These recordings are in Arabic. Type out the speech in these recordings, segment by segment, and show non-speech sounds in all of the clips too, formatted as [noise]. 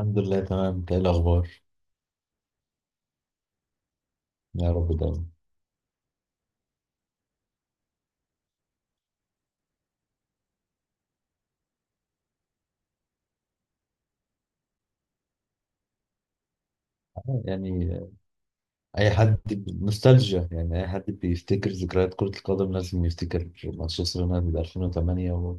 الحمد لله تمام. إنت ايه الاخبار؟ يا رب دايما. آه، يعني اي حد نوستالجيا، يعني اي حد بيفتكر ذكريات كرة القدم لازم يفتكر مانشستر يونايتد 2008 و...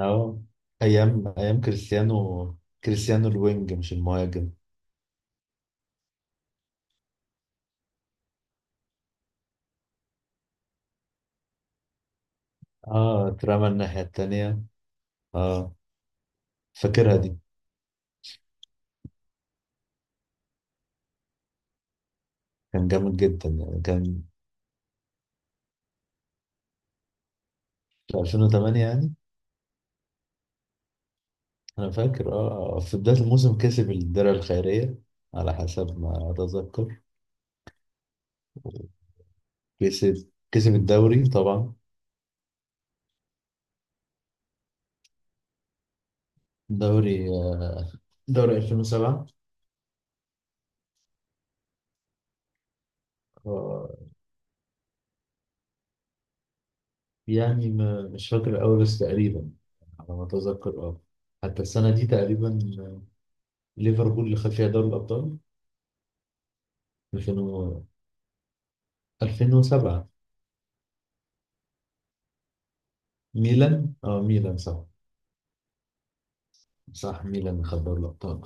اه، ايام ايام كريستيانو. كريستيانو الوينج مش المهاجم. اه، اترمى الناحية التانية. اه، فاكرها دي. كان جامد جدا يعني، كان في 2008 يعني. انا فاكر، اه في بداية الموسم كسب الدرع الخيرية على حسب ما اتذكر. كسب كسب الدوري طبعا، دوري دوري 2007. آه، يعني مش فاكر أوي بس تقريبا، على ما أتذكر أه. حتى السنة دي تقريبا ليفربول اللي خد فيها دوري الأبطال 2000 2007. ميلان، ميلان صح. صح، ميلان اللي خد دوري الأبطال.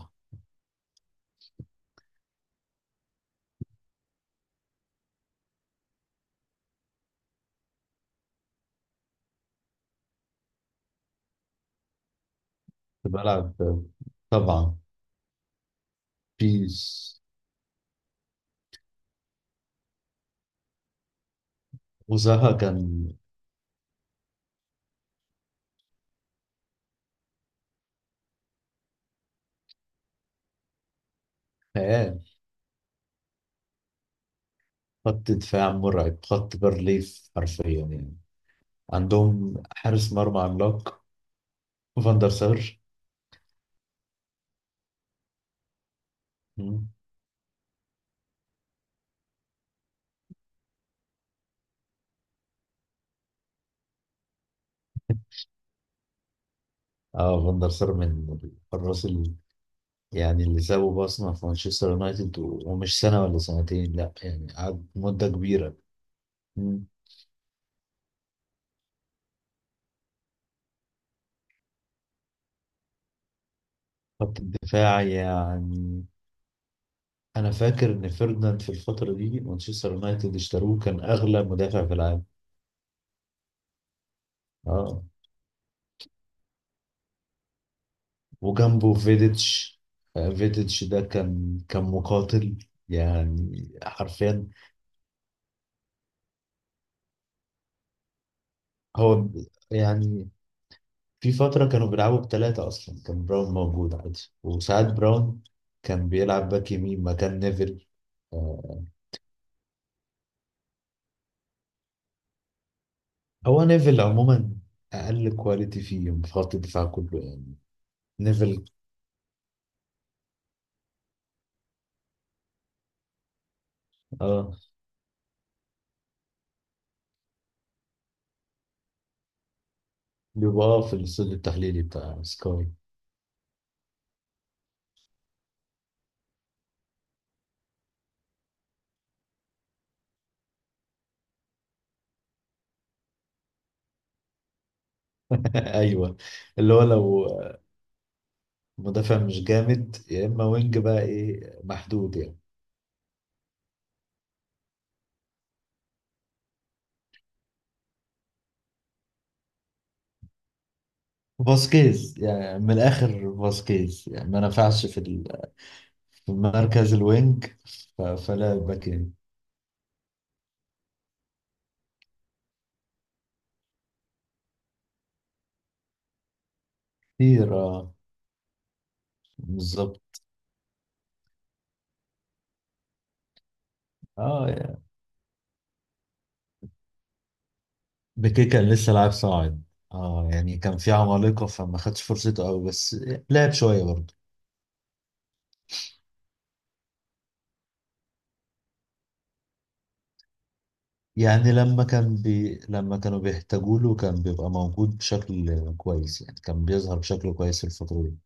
كنت بلعب طبعا بيس، وزها كان خيال. خط دفاع مرعب، خط برليف حرفيا يعني. عندهم حارس مرمى عملاق، فاندر سار. اه، فاندر سار من الحراس يعني اللي سابوا بصمة في مانشستر يونايتد، ومش سنة ولا سنتين لا، يعني قعد مدة كبيرة. مم. خط الدفاع يعني، أنا فاكر إن فيرديناند في الفترة دي مانشستر يونايتد اشتروه، كان أغلى مدافع في العالم. اه، وجنبه فيديتش. فيديتش ده كان مقاتل يعني، حرفيا. هو يعني في فترة كانوا بيلعبوا بثلاثة أصلا، كان براون موجود عادي، وساعات باك براون كان بيلعب باك يمين مكان نيفل. آه، هو نيفل عموما أقل كواليتي فيه في خط الدفاع كله يعني، نيفل. اه، بيبقى في الاستوديو التحليلي بتاع سكاي. [laughs] ايوه. اللي هو لو مدافع مش جامد يا اما وينج بقى ايه، محدود يعني. فاسكيز يعني، من الاخر فاسكيز يعني ما نفعش في في مركز الوينج. فلا باك. كتير، اه. بالظبط، اه. يعني بيكي كان لسه لاعب صاعد، اه. يعني كان في عمالقة فما خدش فرصته قوي بس لعب شوية برضه. يعني لما كانوا بيحتاجوا له كان بيبقى موجود بشكل كويس، يعني كان بيظهر بشكل كويس في الفترة دي.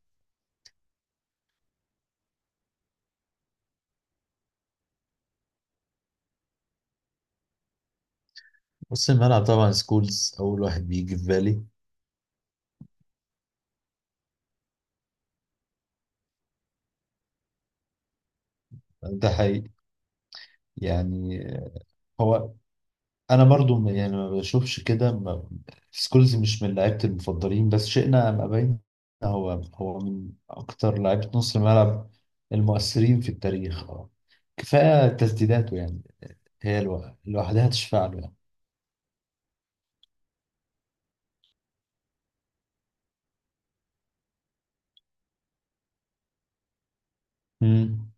بص الملعب طبعا، سكولز أول واحد بيجي في بالي. ده حقيقي يعني. هو، انا برضو يعني ما بشوفش كده، سكولز مش من لعيبتي المفضلين، بس شئنا ام ابينا هو من اكتر لعيبه نص الملعب المؤثرين في التاريخ، اه. كفايه تسديداته يعني، هي لوحدها تشفع له يعني. مم.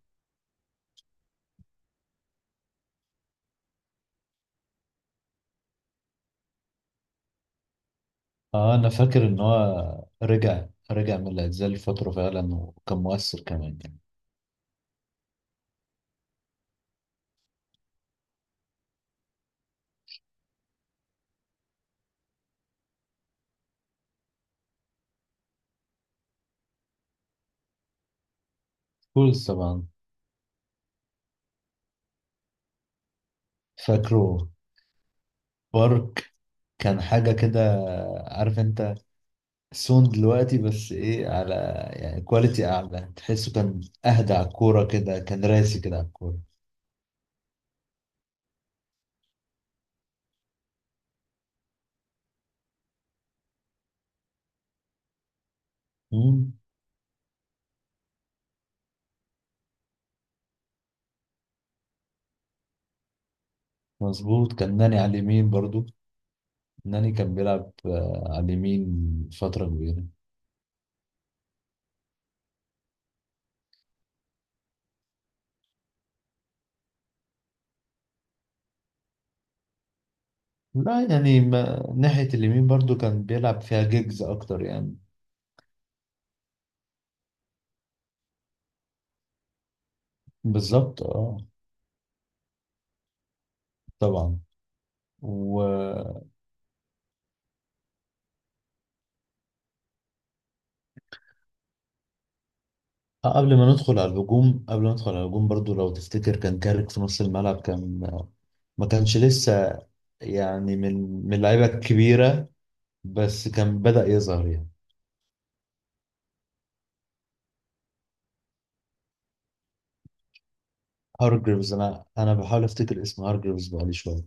اه انا فاكر ان هو رجع رجع من الاعتزال لفتره فعلا، وكان مؤثر كمان يعني. سكولز طبعا. فاكره. بارك، كان حاجه كده. عارف انت. سون دلوقتي بس ايه، على يعني كواليتي اعلى، تحسه كان اهدى على الكوره كده، كان راسي كده على الكوره. مم، مظبوط. كان ناني على اليمين برضو، ناني كان بيلعب على اليمين فتره كبيره. لا يعني، ما ناحيه اليمين برضو كان بيلعب فيها جيجز اكتر يعني. بالظبط، اه. طبعا. و آه، قبل ما ندخل على الهجوم برضو لو تفتكر كان كارك في نص الملعب كان آه، ما كانش لسه، يعني من اللعيبه الكبيره، بس كان بدأ يظهر يعني. هارجريفز، انا بحاول افتكر اسم هارجريفز بقالي شويه.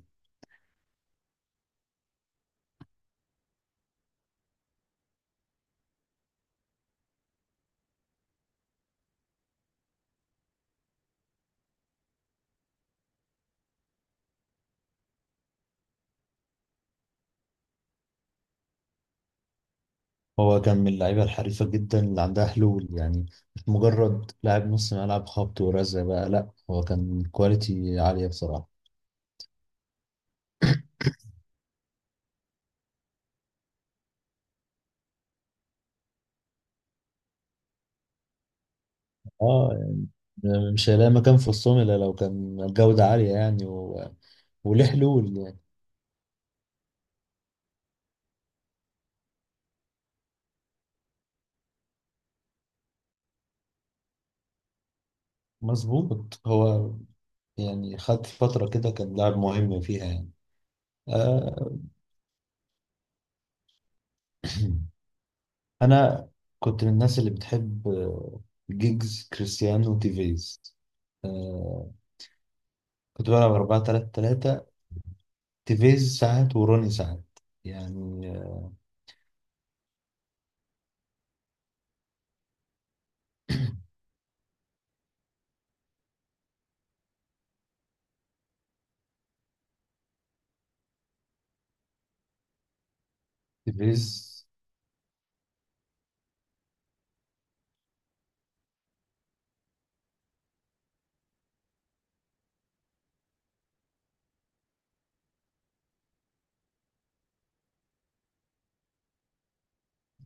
هو كان من اللعيبه الحريفه جدا اللي عندها حلول يعني، مش مجرد لاعب نص ملعب خبط ورزع بقى، لا هو كان كواليتي عاليه بصراحه. اه، يعني مش هيلاقي مكان في وسطهم الا لو كان الجوده عاليه يعني، و... وليه حلول يعني. مظبوط. هو يعني خد فتره كده كان لاعب مهم فيها يعني. آه [clears throat] انا كنت من الناس اللي بتحب جيجز كريستيانو تيفيز، آه، كنت بلعب 4 3 3، تيفيز ساعات وروني ساعات يعني تيفيز،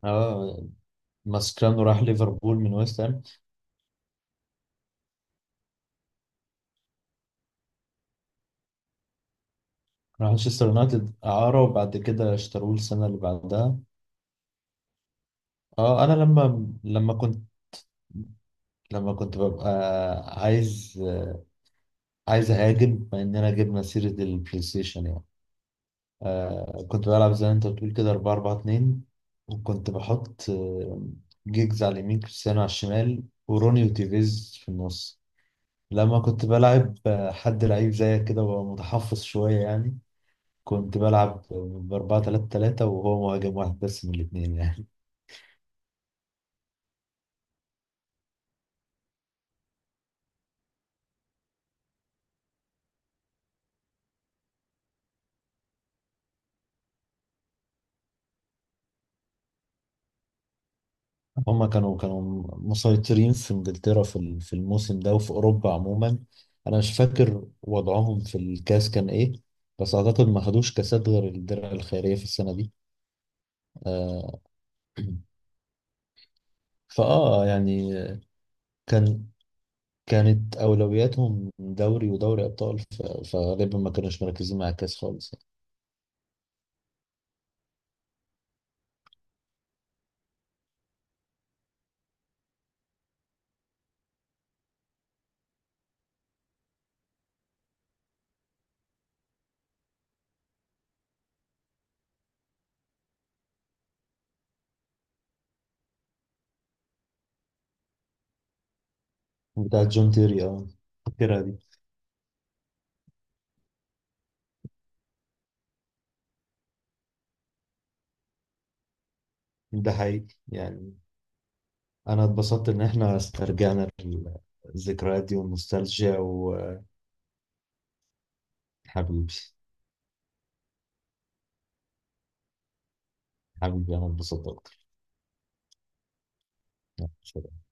اه. ماسكرانو راح ليفربول من ويست هام، راح مانشستر يونايتد اعاره وبعد كده اشتروه السنه اللي بعدها. اه انا لما كنت، لما كنت ببقى عايز آه، عايز اهاجم، مع اننا جبنا سيره البلاي ستيشن يعني. كنت بلعب زي ما انت بتقول كده 4 4 2، وكنت بحط جيجز على اليمين، كريستيانو على الشمال، وروني وتيفيز في النص. لما كنت بلعب حد لعيب زيك كده وهو متحفظ شوية يعني، كنت بلعب ب 4 3 3 وهو مهاجم واحد بس من الاثنين يعني. [laughs] هما كانوا مسيطرين في انجلترا في في الموسم ده وفي اوروبا عموما. انا مش فاكر وضعهم في الكاس كان ايه، بس اعتقد ما خدوش كاسات غير الدرع الخيرية في السنة دي. آه، يعني كان كانت اولوياتهم دوري ودوري ابطال فغالبا ما كانوش مركزين مع الكاس خالص يعني. بتاعت جون تيري، اه فاكرها دي. ده حقيقي يعني، انا اتبسطت ان احنا استرجعنا الذكريات دي والنوستالجيا. وحبيبي، حبيبي انا اتبسطت اكتر.